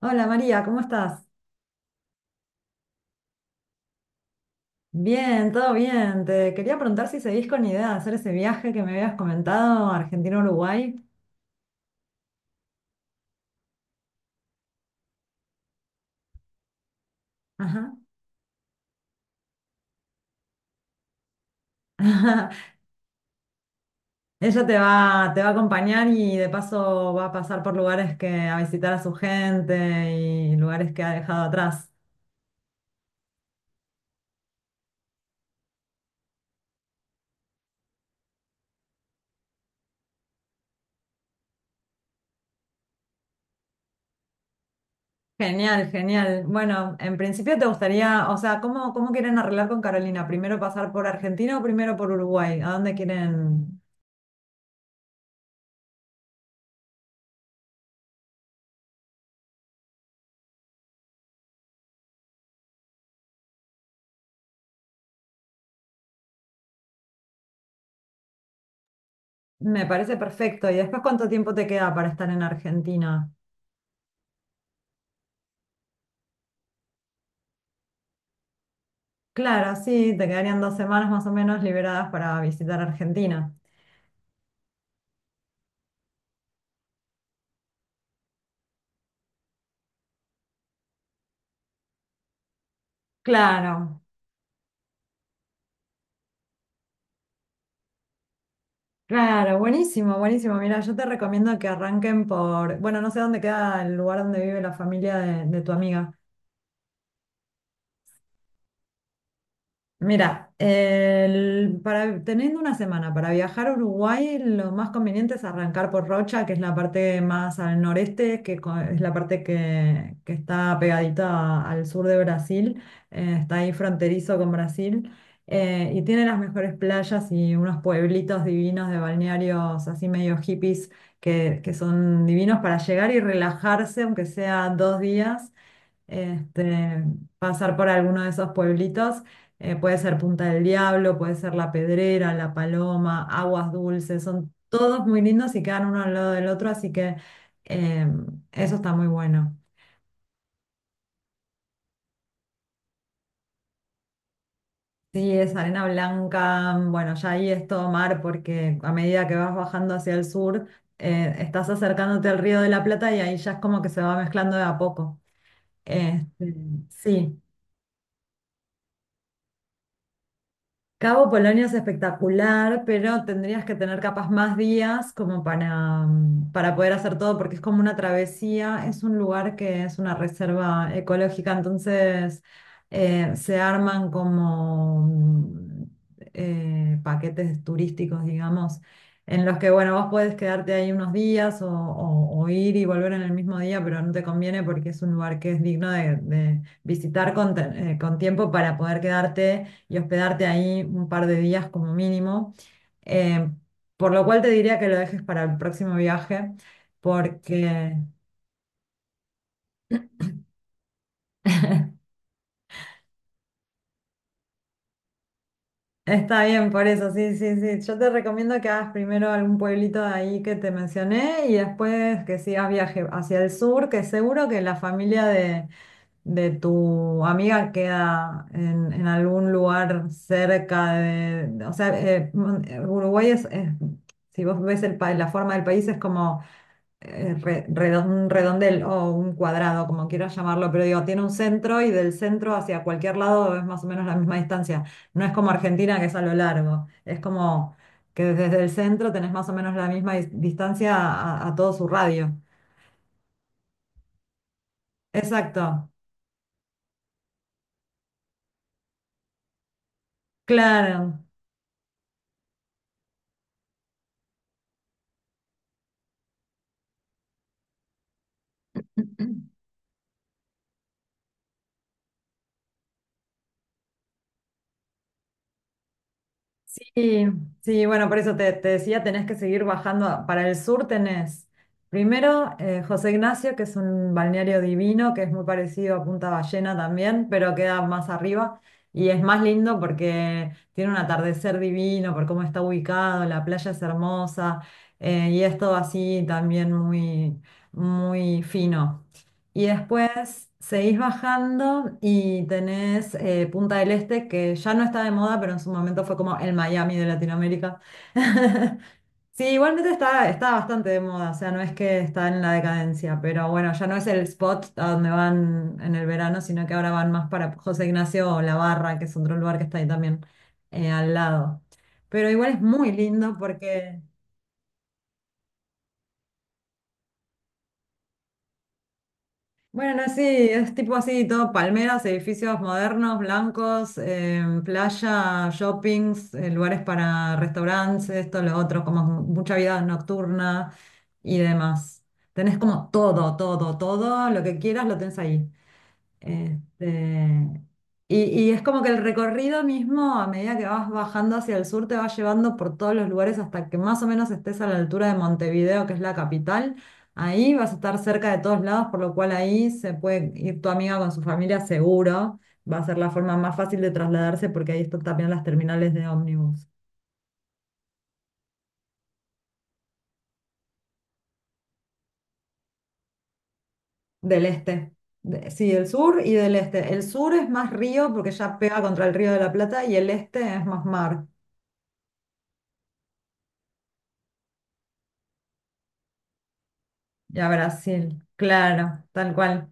Hola María, ¿cómo estás? Bien, todo bien. Te quería preguntar si seguís con idea de hacer ese viaje que me habías comentado, Argentina-Uruguay. Ajá. Ella te va a acompañar y de paso va a pasar por lugares que a visitar a su gente y lugares que ha dejado atrás. Genial, genial. Bueno, en principio te gustaría, o sea, ¿cómo quieren arreglar con Carolina? ¿Primero pasar por Argentina o primero por Uruguay? ¿A dónde quieren? Me parece perfecto. ¿Y después cuánto tiempo te queda para estar en Argentina? Claro, sí, te quedarían 2 semanas más o menos liberadas para visitar Argentina. Claro, claro, buenísimo, buenísimo. Mira, yo te recomiendo que arranquen por, bueno, no sé dónde queda el lugar donde vive la familia de tu amiga. Mira, para, teniendo una semana para viajar a Uruguay, lo más conveniente es arrancar por Rocha, que es la parte más al noreste, que es la parte que está pegadita al sur de Brasil, está ahí fronterizo con Brasil. Y tiene las mejores playas y unos pueblitos divinos de balnearios así medio hippies que son divinos para llegar y relajarse, aunque sea 2 días, este, pasar por alguno de esos pueblitos. Puede ser Punta del Diablo, puede ser La Pedrera, La Paloma, Aguas Dulces, son todos muy lindos y quedan uno al lado del otro, así que eh, eso está muy bueno. Sí, es arena blanca, bueno, ya ahí es todo mar porque a medida que vas bajando hacia el sur, estás acercándote al Río de la Plata y ahí ya es como que se va mezclando de a poco. Este, sí. Cabo Polonio es espectacular, pero tendrías que tener capaz más días como para, para poder hacer todo, porque es como una travesía, es un lugar que es una reserva ecológica. Entonces se arman como, paquetes turísticos, digamos, en los que, bueno, vos podés quedarte ahí unos días o ir y volver en el mismo día, pero no te conviene porque es un lugar que es digno de visitar con, con tiempo para poder quedarte y hospedarte ahí un par de días como mínimo. Eh, por lo cual te diría que lo dejes para el próximo viaje, porque está bien, por eso, sí, sí, sí. Yo te recomiendo que hagas primero algún pueblito de ahí que te mencioné y después que sigas viaje hacia el sur, que seguro que la familia de tu amiga queda en algún lugar cerca de, o sea, Uruguay es, si vos ves la forma del país, es como un redondel o un cuadrado, como quieras llamarlo, pero digo, tiene un centro y del centro hacia cualquier lado es más o menos la misma distancia. No es como Argentina que es a lo largo, es como que desde el centro tenés más o menos la misma distancia a todo su radio. Exacto, claro. Sí, sí, bueno, por eso te decía, tenés que seguir bajando. Para el sur tenés primero José Ignacio, que es un balneario divino, que es muy parecido a Punta Ballena también, pero queda más arriba y es más lindo porque tiene un atardecer divino, por cómo está ubicado, la playa es hermosa. Y es todo así también muy, muy fino. Y después seguís bajando y tenés Punta del Este, que ya no está de moda, pero en su momento fue como el Miami de Latinoamérica. Sí, igualmente está bastante de moda, o sea, no es que está en la decadencia, pero bueno, ya no es el spot a donde van en el verano, sino que ahora van más para José Ignacio o La Barra, que es otro lugar que está ahí también, al lado. Pero igual es muy lindo porque... Bueno, sí, es tipo así, todo palmeras, edificios modernos, blancos, playa, shoppings, lugares para restaurantes, esto, lo otro, como mucha vida nocturna y demás. Tenés como todo, todo, todo, lo que quieras lo tenés ahí. Este, y es como que el recorrido mismo, a medida que vas bajando hacia el sur, te va llevando por todos los lugares hasta que más o menos estés a la altura de Montevideo, que es la capital. Ahí vas a estar cerca de todos lados, por lo cual ahí se puede ir tu amiga con su familia seguro. Va a ser la forma más fácil de trasladarse porque ahí están también las terminales de ómnibus del este. Sí, el sur y del este. El sur es más río porque ya pega contra el Río de la Plata y el este es más mar. Y a Brasil, claro, tal cual.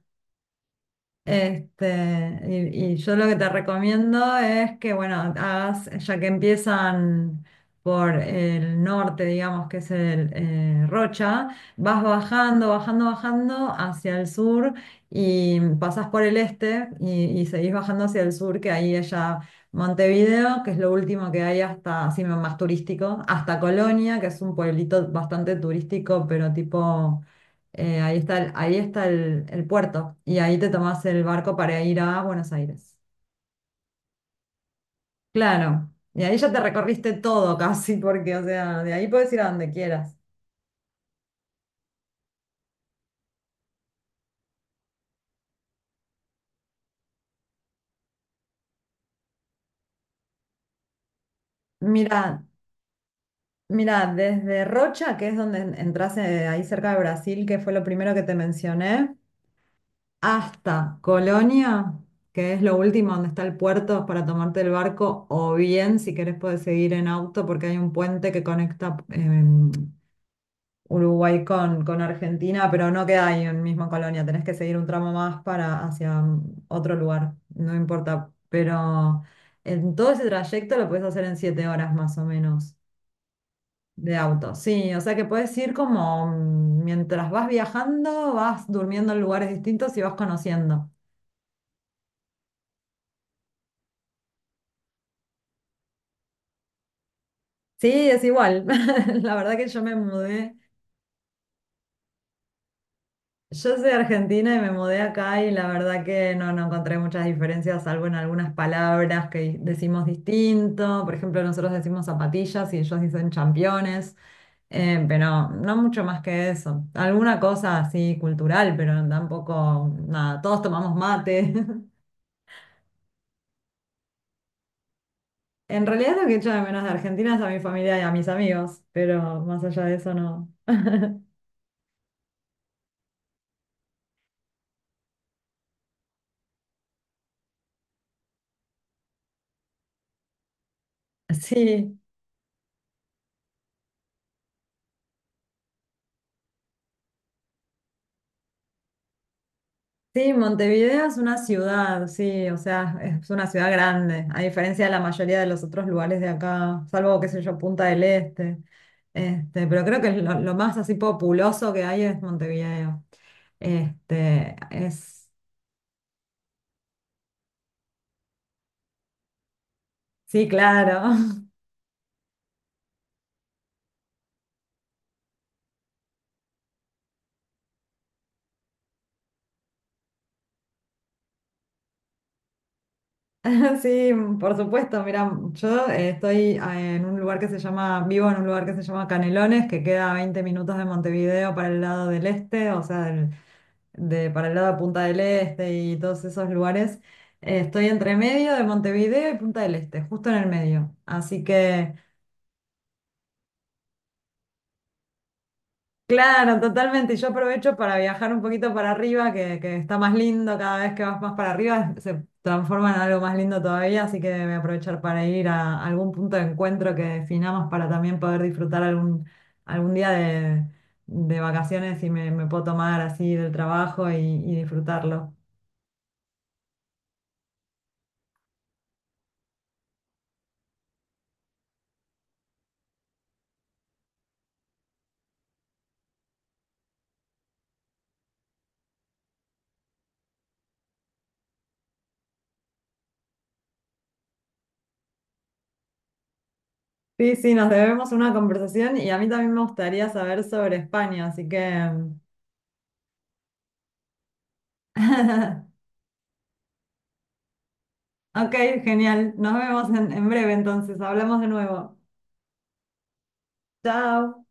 Y yo lo que te recomiendo es que, bueno, hagas, ya que empiezan por el norte, digamos, que es el Rocha, vas bajando, bajando, bajando hacia el sur y pasas por el este y seguís bajando hacia el sur, que ahí es ya Montevideo, que es lo último que hay hasta, así más turístico, hasta Colonia, que es un pueblito bastante turístico, pero tipo ahí está el puerto y ahí te tomás el barco para ir a Buenos Aires. Claro, y ahí ya te recorriste todo casi, porque, o sea, de ahí puedes ir a donde quieras. Mira, mira, desde Rocha, que es donde entras ahí cerca de Brasil, que fue lo primero que te mencioné, hasta Colonia, que es lo último donde está el puerto para tomarte el barco, o bien, si querés, puedes seguir en auto porque hay un puente que conecta Uruguay con Argentina, pero no queda ahí en misma colonia, tenés que seguir un tramo más para hacia otro lugar, no importa, pero en todo ese trayecto lo puedes hacer en 7 horas más o menos de auto. Sí, o sea que puedes ir como mientras vas viajando, vas durmiendo en lugares distintos y vas conociendo. Sí, es igual. La verdad que yo me mudé. Yo soy argentina y me mudé acá y la verdad que no, no encontré muchas diferencias, salvo en algunas palabras que decimos distinto. Por ejemplo, nosotros decimos zapatillas y ellos dicen championes, pero no mucho más que eso. Alguna cosa así cultural, pero tampoco nada. Todos tomamos mate. En realidad lo que echo de menos de Argentina es a mi familia y a mis amigos, pero más allá de eso no. Sí. Sí, Montevideo es una ciudad, sí, o sea, es una ciudad grande, a diferencia de la mayoría de los otros lugares de acá, salvo, qué sé yo, Punta del Este. Pero creo que es lo más así populoso que hay es Montevideo. Este, es, sí, claro. Sí, por supuesto, mira, yo estoy en un lugar que se llama, vivo en un lugar que se llama Canelones, que queda a 20 minutos de Montevideo para el lado del este, o sea, para el lado de Punta del Este y todos esos lugares. Estoy entre medio de Montevideo y Punta del Este, justo en el medio. Así que, claro, totalmente. Y yo aprovecho para viajar un poquito para arriba, que está más lindo cada vez que vas más para arriba, se transforma en algo más lindo todavía. Así que voy a aprovechar para ir a algún punto de encuentro que definamos para también poder disfrutar algún día de vacaciones y me puedo tomar así del trabajo y disfrutarlo. Sí, sí, nos debemos una conversación y a mí también me gustaría saber sobre España, así que... Ok, genial. Nos vemos en breve entonces. Hablamos de nuevo. Chao.